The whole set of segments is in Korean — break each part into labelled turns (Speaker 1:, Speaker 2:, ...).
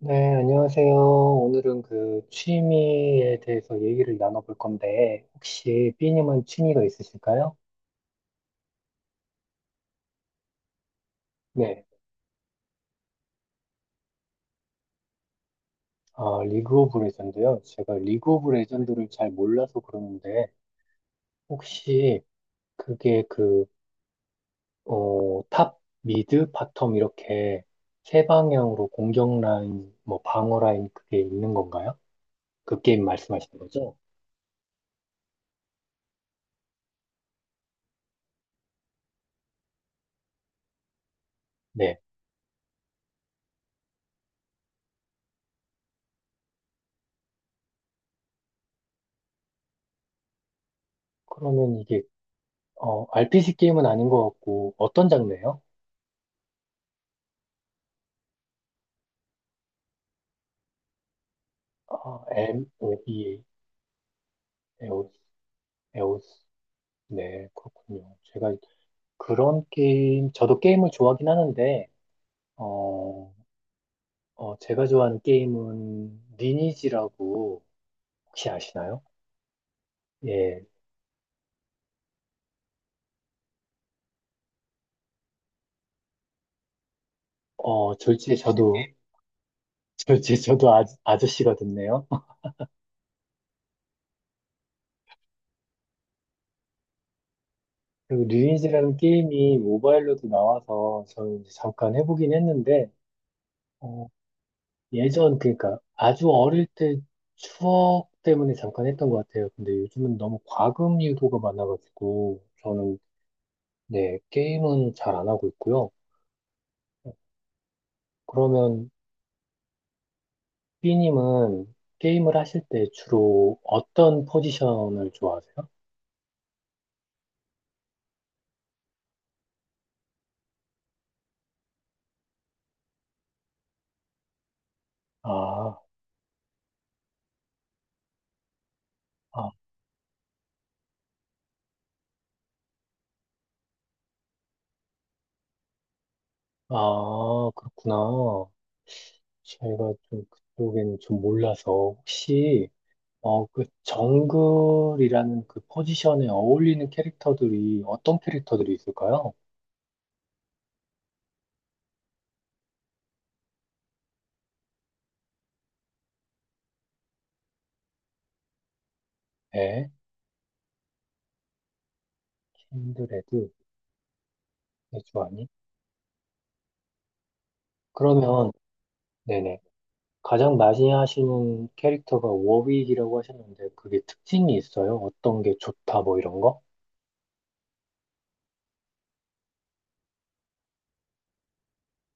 Speaker 1: 네, 안녕하세요. 오늘은 그 취미에 대해서 얘기를 나눠볼 건데, 혹시 삐님은 취미가 있으실까요? 네, 아, 리그 오브 레전드요. 제가 리그 오브 레전드를 잘 몰라서 그러는데, 혹시 그게 탑, 미드, 바텀 이렇게 세 방향으로 공격 라인, 뭐 방어 라인 그게 있는 건가요? 그 게임 말씀하시는 거죠? 네, 그러면 이게, RPG 게임은 아닌 것 같고, 어떤 장르예요? 아, MOBA, 에오스, 에오스. 네, 그렇군요. 제가 그런 게임, 저도 게임을 좋아하긴 하는데, 어, 제가 좋아하는 게임은 리니지라고 혹시 아시나요? 예, 졸지에 저도, 졸지에 저도 아, 아저씨가 됐네요. 그리고 리니지라는 게임이 모바일로도 나와서 저는 이제 잠깐 해보긴 했는데, 어, 예전, 그러니까 아주 어릴 때 추억 때문에 잠깐 했던 것 같아요. 근데 요즘은 너무 과금 유도가 많아가지고, 저는, 네, 게임은 잘 안 하고 있고요. 그러면 B님은 게임을 하실 때 주로 어떤 포지션을 좋아하세요? 아, 아, 아, 그렇구나. 제가 좀 그쪽에는 좀 몰라서 혹시 그 정글이라는 그 포지션에 어울리는 캐릭터들이 어떤 캐릭터들이 있을까요? 네, 킨드레드, 해주아니. 그러면, 네네. 가장 많이 하시는 캐릭터가 워윅이라고 하셨는데, 그게 특징이 있어요? 어떤 게 좋다, 뭐 이런 거?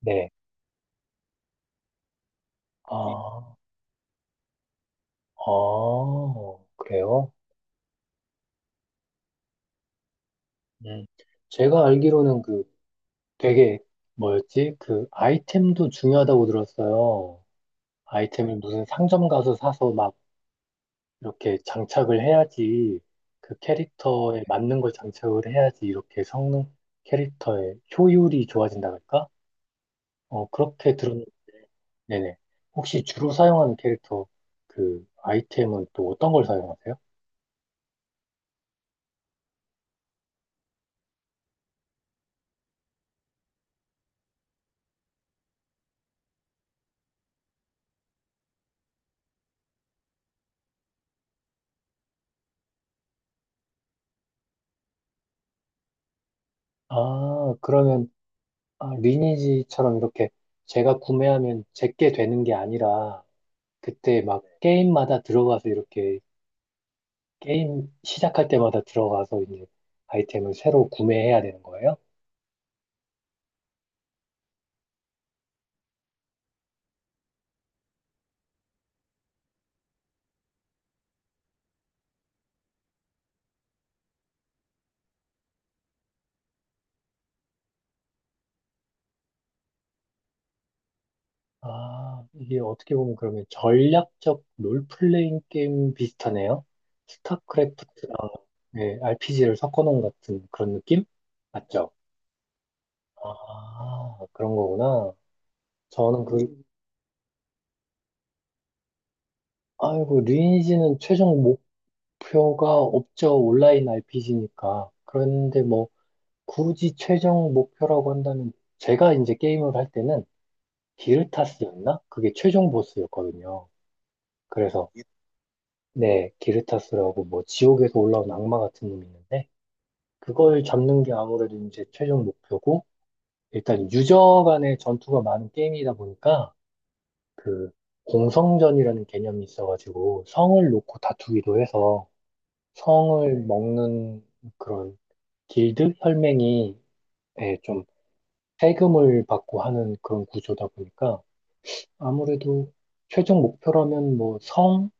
Speaker 1: 네. 아, 아, 그래요? 음. 제가 알기로는 그 되게, 뭐였지? 그 아이템도 중요하다고 들었어요. 아이템을 무슨 상점 가서 사서 막 이렇게 장착을 해야지 그 캐릭터에 맞는 걸 장착을 해야지 이렇게 성능 캐릭터의 효율이 좋아진다 그럴까? 그렇게 들은, 네네. 혹시 주로 사용하는 캐릭터 그 아이템은 또 어떤 걸 사용하세요? 아, 그러면 아, 리니지처럼 이렇게 제가 구매하면 제게 되는 게 아니라 그때 막 게임마다 들어가서 이렇게 게임 시작할 때마다 들어가서 이제 아이템을 새로 구매해야 되는 거예요? 아, 이게 어떻게 보면 그러면 전략적 롤플레잉 게임 비슷하네요. 스타크래프트랑 RPG를 섞어놓은 같은 그런 느낌? 맞죠? 아, 그런 거구나. 저는 아이고, 리니지는 최종 목표가 없죠. 온라인 RPG니까. 그런데 뭐, 굳이 최종 목표라고 한다면, 제가 이제 게임을 할 때는 기르타스였나? 그게 최종 보스였거든요. 그래서, 네, 기르타스라고 뭐 지옥에서 올라온 악마 같은 놈이 있는데 그걸 잡는 게 아무래도 이제 최종 목표고 일단 유저 간의 전투가 많은 게임이다 보니까 그 공성전이라는 개념이 있어가지고 성을 놓고 다투기도 해서 성을 먹는 그런 길드 혈맹이 예, 좀 세금을 받고 하는 그런 구조다 보니까 아무래도 최종 목표라면 뭐 성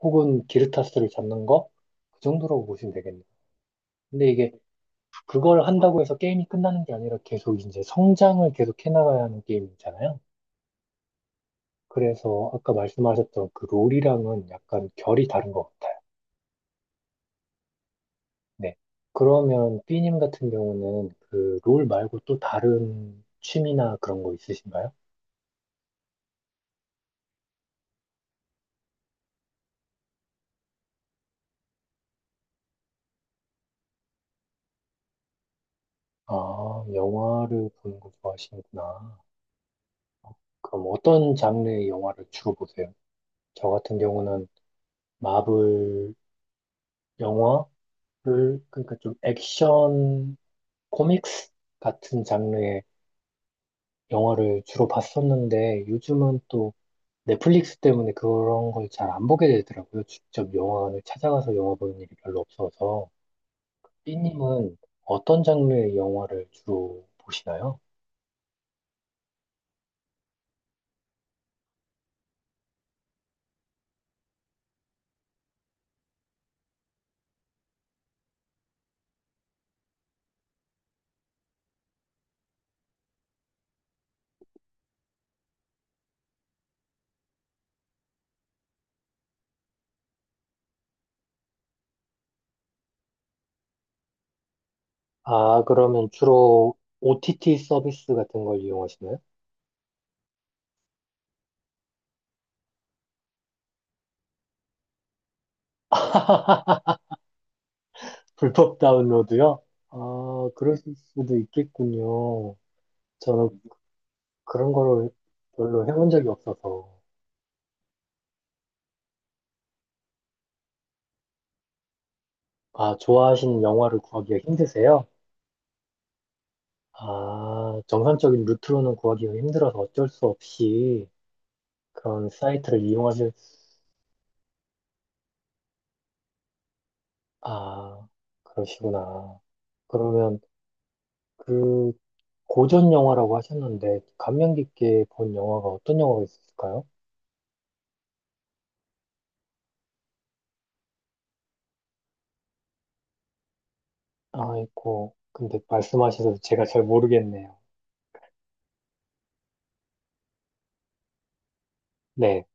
Speaker 1: 혹은 기르타스를 잡는 거 그 정도라고 보시면 되겠네요. 근데 이게 그걸 한다고 해서 게임이 끝나는 게 아니라 계속 이제 성장을 계속 해나가야 하는 게임이잖아요. 그래서 아까 말씀하셨던 그 롤이랑은 약간 결이 다른 것 같아요. 네. 그러면 삐님 같은 경우는 그 롤 말고 또 다른 취미나 그런 거 있으신가요? 아, 영화를 보는 거 좋아하시는구나. 그럼 어떤 장르의 영화를 주로 보세요? 저 같은 경우는 마블 영화를, 그러니까 좀 액션, 코믹스 같은 장르의 영화를 주로 봤었는데 요즘은 또 넷플릭스 때문에 그런 걸 잘 안 보게 되더라고요. 직접 영화관을 찾아가서 영화 보는 일이 별로 없어서. B님은 어떤 장르의 영화를 주로 보시나요? 아, 그러면 주로 OTT 서비스 같은 걸 이용하시나요? 불법 다운로드요? 아, 그럴 수도 있겠군요. 저는 그런 거를 별로 해본 적이 없어서. 아, 좋아하시는 영화를 구하기가 힘드세요? 아, 정상적인 루트로는 구하기가 힘들어서 어쩔 수 없이 그런 사이트를 이용하실, 수- 아, 그러시구나. 그러면 그 고전 영화라고 하셨는데, 감명 깊게 본 영화가 어떤 영화가 있을까요? 아이고, 근데 말씀하셔서 제가 잘 모르겠네요. 네.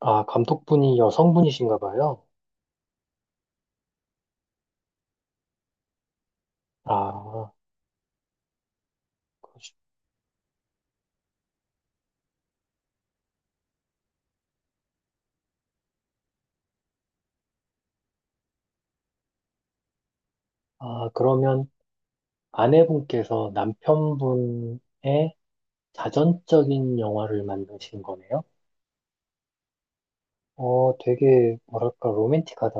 Speaker 1: 아, 감독분이 여성분이신가 봐요. 아, 그러시- 아, 그러면 아내분께서 남편분의 자전적인 영화를 만드신 거네요? 되게, 뭐랄까, 로맨틱하다.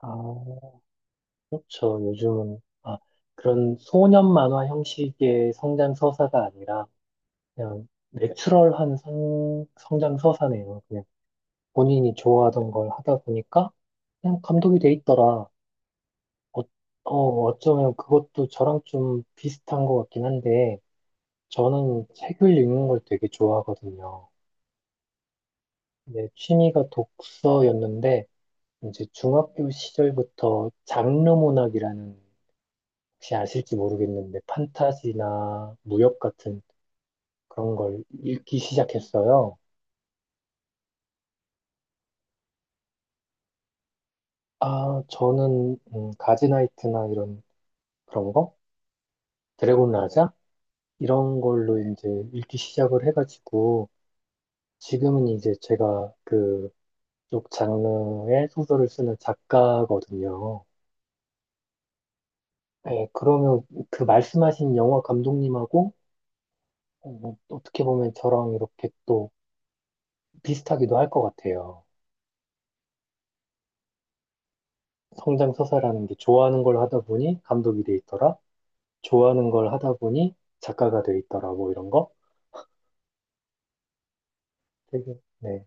Speaker 1: 아, 그렇죠. 요즘은, 아, 그런 소년 만화 형식의 성장 서사가 아니라, 그냥, 내추럴한 성장 서사네요. 그냥, 본인이 좋아하던 걸 하다 보니까, 그냥 감독이 돼 있더라. 어, 어, 어쩌면 그것도 저랑 좀 비슷한 것 같긴 한데, 저는 책을 읽는 걸 되게 좋아하거든요. 내 취미가 독서였는데, 이제 중학교 시절부터 장르문학이라는 혹시 아실지 모르겠는데 판타지나 무협 같은 그런 걸 읽기 시작했어요. 아, 저는 가즈나이트나 이런 그런 거? 드래곤 라자? 이런 걸로 이제 읽기 시작을 해가지고 지금은 이제 제가 그쪽 장르의 소설을 쓰는 작가거든요. 네, 그러면 그 말씀하신 영화 감독님하고 어떻게 보면 저랑 이렇게 또 비슷하기도 할 것 같아요. 성장서사라는 게 좋아하는 걸 하다 보니 감독이 돼 있더라. 좋아하는 걸 하다 보니 작가가 돼 있더라. 뭐 이런 거. 되게, 네.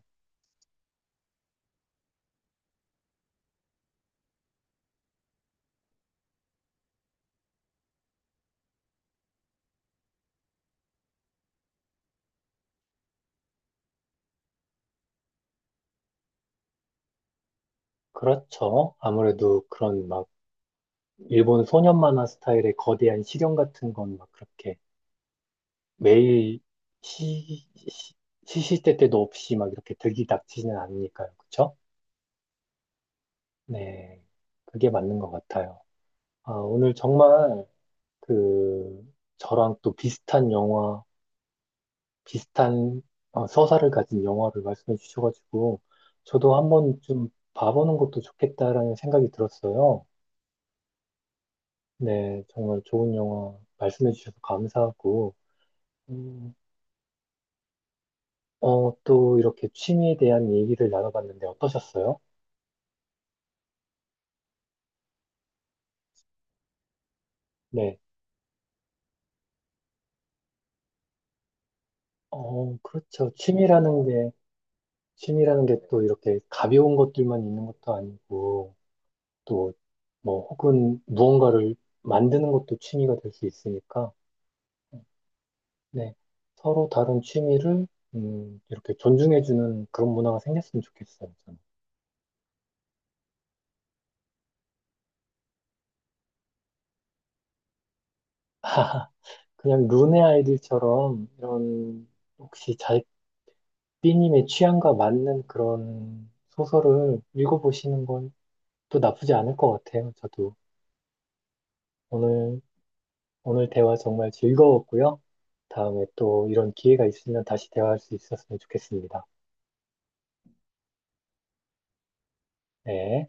Speaker 1: 그렇죠. 아무래도 그런 막 일본 소년 만화 스타일의 거대한 실현 같은 건 막 그렇게 매일 시, 시, 시시때때도 없이 막 이렇게 들이닥치지는 않으니까요. 그쵸? 네. 그게 맞는 것 같아요. 아, 오늘 정말 그 저랑 또 비슷한 서사를 가진 영화를 말씀해 주셔가지고 저도 한번 좀 봐보는 것도 좋겠다라는 생각이 들었어요. 네, 정말 좋은 영화 말씀해 주셔서 감사하고 음, 또 이렇게 취미에 대한 얘기를 나눠봤는데 어떠셨어요? 네, 그렇죠. 취미라는 게 또 이렇게 가벼운 것들만 있는 것도 아니고 또 뭐 혹은 무언가를 만드는 것도 취미가 될 수 있으니까. 네. 서로 다른 취미를 이렇게 존중해주는 그런 문화가 생겼으면 좋겠어요. 저는. 그냥 룬의 아이들처럼 이런 혹시 잘삐님의 취향과 맞는 그런 소설을 읽어보시는 건 또 나쁘지 않을 것 같아요. 저도 오늘 오늘 대화 정말 즐거웠고요. 다음에 또 이런 기회가 있으면 다시 대화할 수 있었으면 좋겠습니다. 네.